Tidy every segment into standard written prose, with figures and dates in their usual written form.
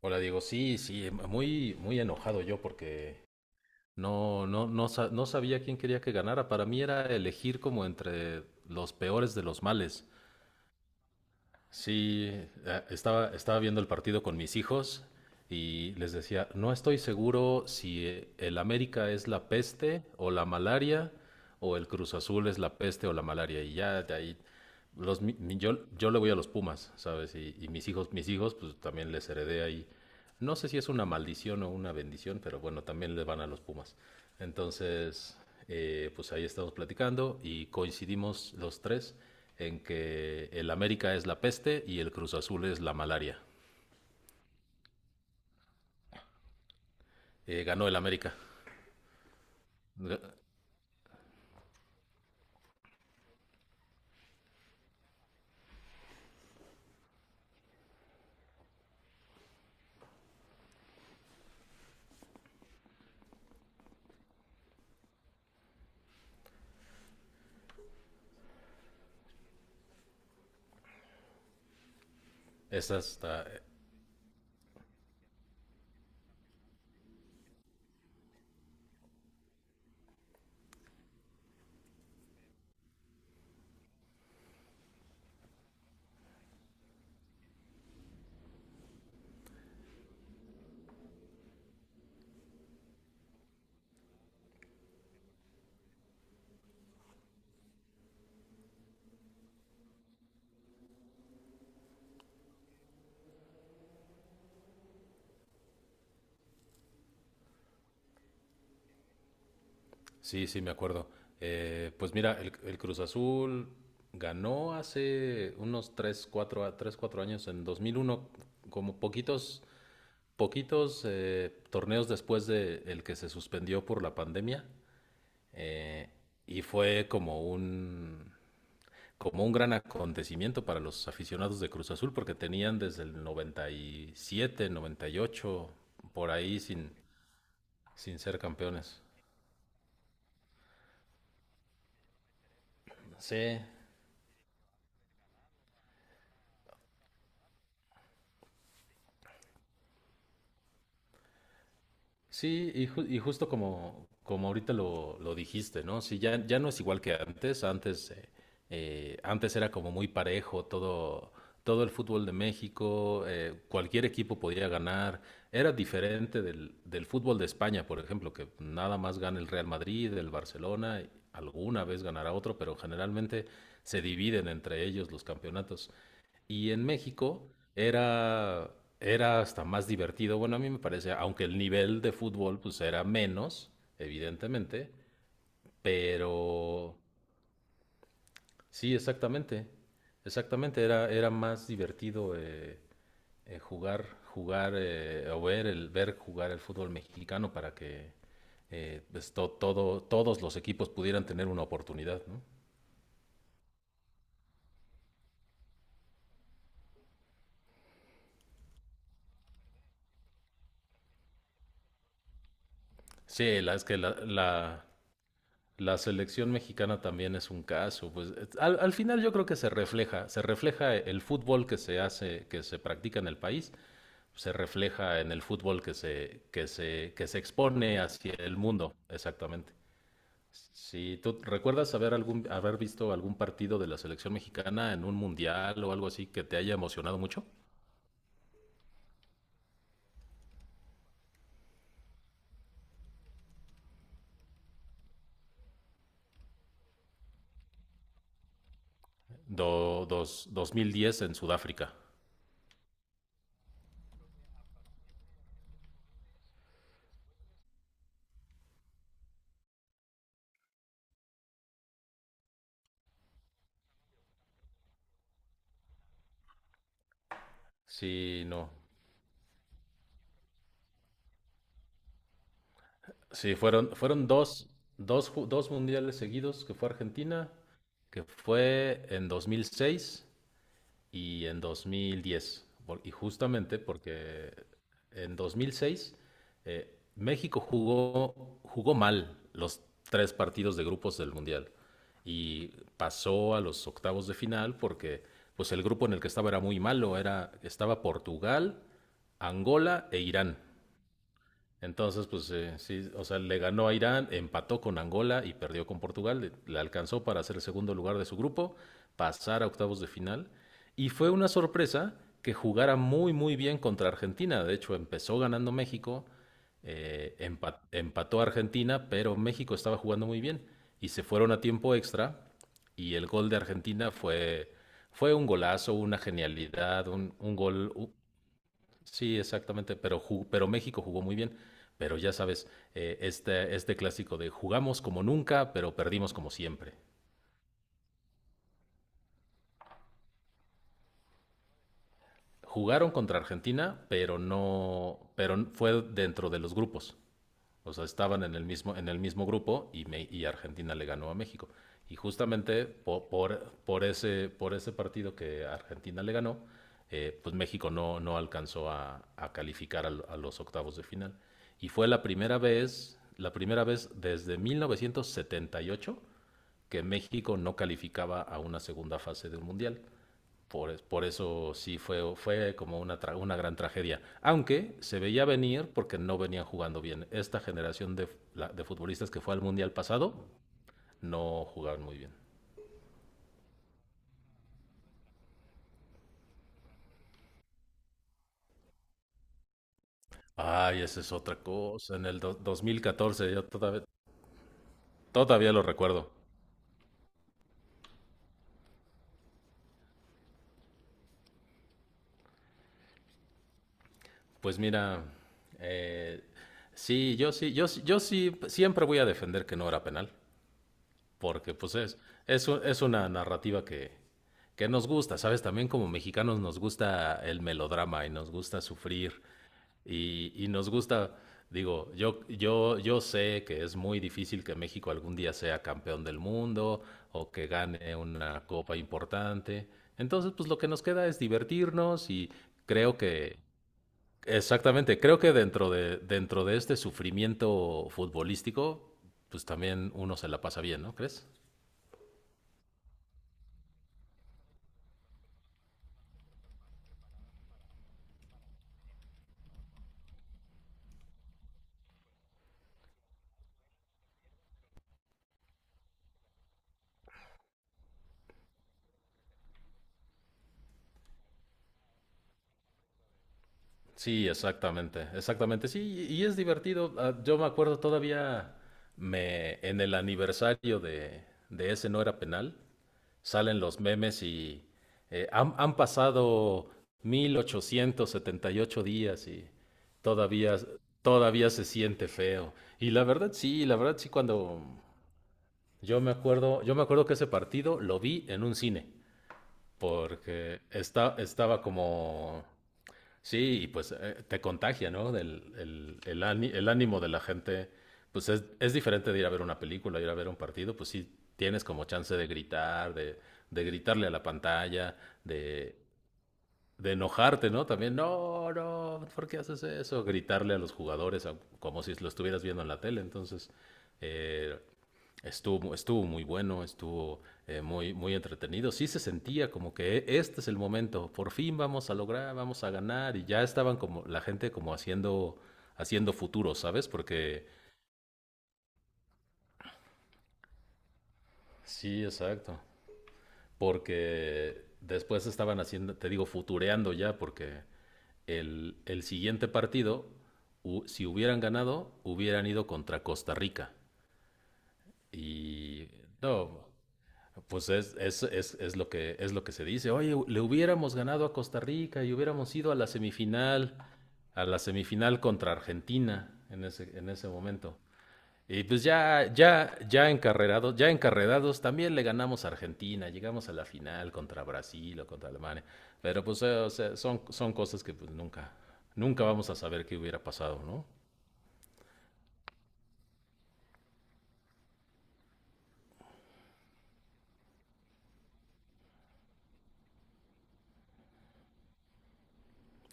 Hola, Diego. Sí, sí, muy, muy enojado yo porque no, no, no, no sabía quién quería que ganara. Para mí era elegir como entre los peores de los males. Sí. Estaba viendo el partido con mis hijos y les decía, no estoy seguro si el América es la peste o la malaria o el Cruz Azul es la peste o la malaria. Y ya de ahí, los, mi- mi- yo le voy a los Pumas, ¿sabes? Y mis hijos, pues también les heredé ahí, no sé si es una maldición o una bendición, pero bueno, también le van a los Pumas. Entonces, pues ahí estamos platicando y coincidimos los tres en que el América es la peste y el Cruz Azul es la malaria. Ganó el América. Esa está... Sí, sí, me acuerdo. Pues mira, el Cruz Azul ganó hace unos 3, 4, 3, 4 años, en 2001, como poquitos torneos después de el que se suspendió por la pandemia, eh, y fue como un gran acontecimiento para los aficionados de Cruz Azul porque tenían desde el 97, 98 por ahí sin ser campeones. Sí, sí, y justo como ahorita lo dijiste, ¿no? Sí, ya, ya no es igual que antes. Antes era como muy parejo todo el fútbol de México. Cualquier equipo podía ganar. Era diferente del fútbol de España, por ejemplo, que nada más gana el Real Madrid, el Barcelona, y alguna vez ganará otro, pero generalmente se dividen entre ellos los campeonatos. Y en México era, era hasta más divertido. Bueno, a mí me parece, aunque el nivel de fútbol pues era menos, evidentemente, pero sí, exactamente. Exactamente, era más divertido, jugar, o ver jugar el fútbol mexicano para que pues, todos los equipos pudieran tener una oportunidad, ¿no? Sí, la, es que la, la- La selección mexicana también es un caso, pues al final yo creo que se refleja el fútbol que se hace, que se practica en el país, se refleja en el fútbol que se expone hacia el mundo, exactamente. Si tú recuerdas haber haber visto algún partido de la selección mexicana en un mundial o algo así que te haya emocionado mucho. Dos mil diez en Sudáfrica. Sí, no. Sí, fueron dos mundiales seguidos, que fue Argentina, que fue en 2006 y en 2010. Y justamente porque en 2006, México jugó mal los tres partidos de grupos del mundial y pasó a los octavos de final porque pues el grupo en el que estaba era muy malo, estaba Portugal, Angola e Irán. Entonces, pues sí, o sea, le ganó a Irán, empató con Angola y perdió con Portugal. Alcanzó para ser el segundo lugar de su grupo, pasar a octavos de final. Y fue una sorpresa que jugara muy, muy bien contra Argentina. De hecho, empezó ganando México, empató a Argentina, pero México estaba jugando muy bien. Y se fueron a tiempo extra. Y el gol de Argentina fue un golazo, una genialidad, sí, exactamente, pero, pero México jugó muy bien. Pero ya sabes, este, este clásico de jugamos como nunca, pero perdimos como siempre. Jugaron contra Argentina, pero no, pero fue dentro de los grupos. O sea, estaban en el mismo grupo y Argentina le ganó a México. Y justamente por ese partido que Argentina le ganó, pues México no alcanzó a calificar a los octavos de final. Y fue la primera vez desde 1978 que México no calificaba a una segunda fase del Mundial. Por eso sí fue como una gran tragedia. Aunque se veía venir porque no venían jugando bien. Esta generación de futbolistas que fue al Mundial pasado no jugaban muy bien. Ay, esa es otra cosa. En el 2014 yo todavía lo recuerdo. Pues mira, eh, sí, yo sí siempre voy a defender que no era penal. Porque pues es una narrativa que nos gusta, ¿sabes? También como mexicanos nos gusta el melodrama y nos gusta sufrir y nos gusta, digo, yo sé que es muy difícil que México algún día sea campeón del mundo o que gane una copa importante. Entonces, pues lo que nos queda es divertirnos y creo que, exactamente, creo que dentro de este sufrimiento futbolístico, pues también uno se la pasa bien, ¿no crees? Sí, exactamente, exactamente. Sí, y es divertido. Ah, yo me acuerdo todavía, en el aniversario de ese no era penal, salen los memes y, han pasado 1878 días y todavía, todavía se siente feo. Y la verdad sí, cuando yo me acuerdo que ese partido lo vi en un cine, porque estaba como... Sí, y pues te contagia, ¿no? Del, el, áni- el ánimo de la gente, pues es diferente de ir a ver una película, ir a ver un partido, pues sí tienes como chance de gritar, de gritarle a la pantalla, de, de enojarte, ¿no? También, no, no, ¿por qué haces eso? Gritarle a los jugadores, como si lo estuvieras viendo en la tele. Entonces, eh, estuvo muy bueno, estuvo muy, muy entretenido. Sí se sentía como que, Este es el momento, por fin vamos a lograr, vamos a ganar". Y ya estaban como la gente como haciendo futuro, ¿sabes? Porque sí, exacto. Porque después estaban haciendo, te digo, futureando ya, porque el siguiente partido, si hubieran ganado, hubieran ido contra Costa Rica. Y no, pues es lo es lo que se dice. Oye, le hubiéramos ganado a Costa Rica y hubiéramos ido a la semifinal contra Argentina en ese momento. Y pues ya, ya, ya encarrerados, también le ganamos a Argentina, llegamos a la final contra Brasil o contra Alemania. Pero pues o sea, son cosas que pues nunca vamos a saber qué hubiera pasado, ¿no?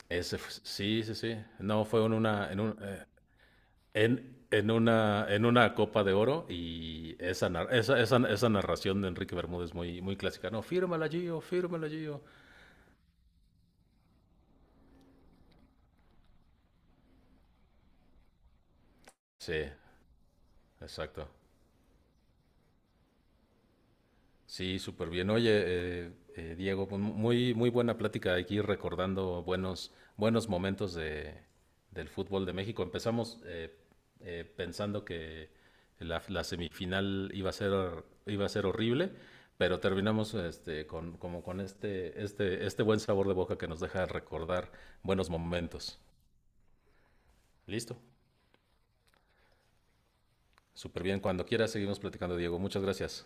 Sí, sí, sí. No, fue en una, en un, en una Copa de Oro. Y esa narración de Enrique Bermúdez muy, muy clásica. No, fírmala, Gio, fírmala, Gio. Sí, exacto. Sí, súper bien. Oye, Diego, pues, muy, muy buena plática aquí recordando buenos, buenos momentos del fútbol de México. Empezamos pensando que la semifinal iba a ser horrible, pero terminamos como con este buen sabor de boca que nos deja recordar buenos momentos. Listo. Súper bien. Cuando quieras seguimos platicando, Diego. Muchas gracias.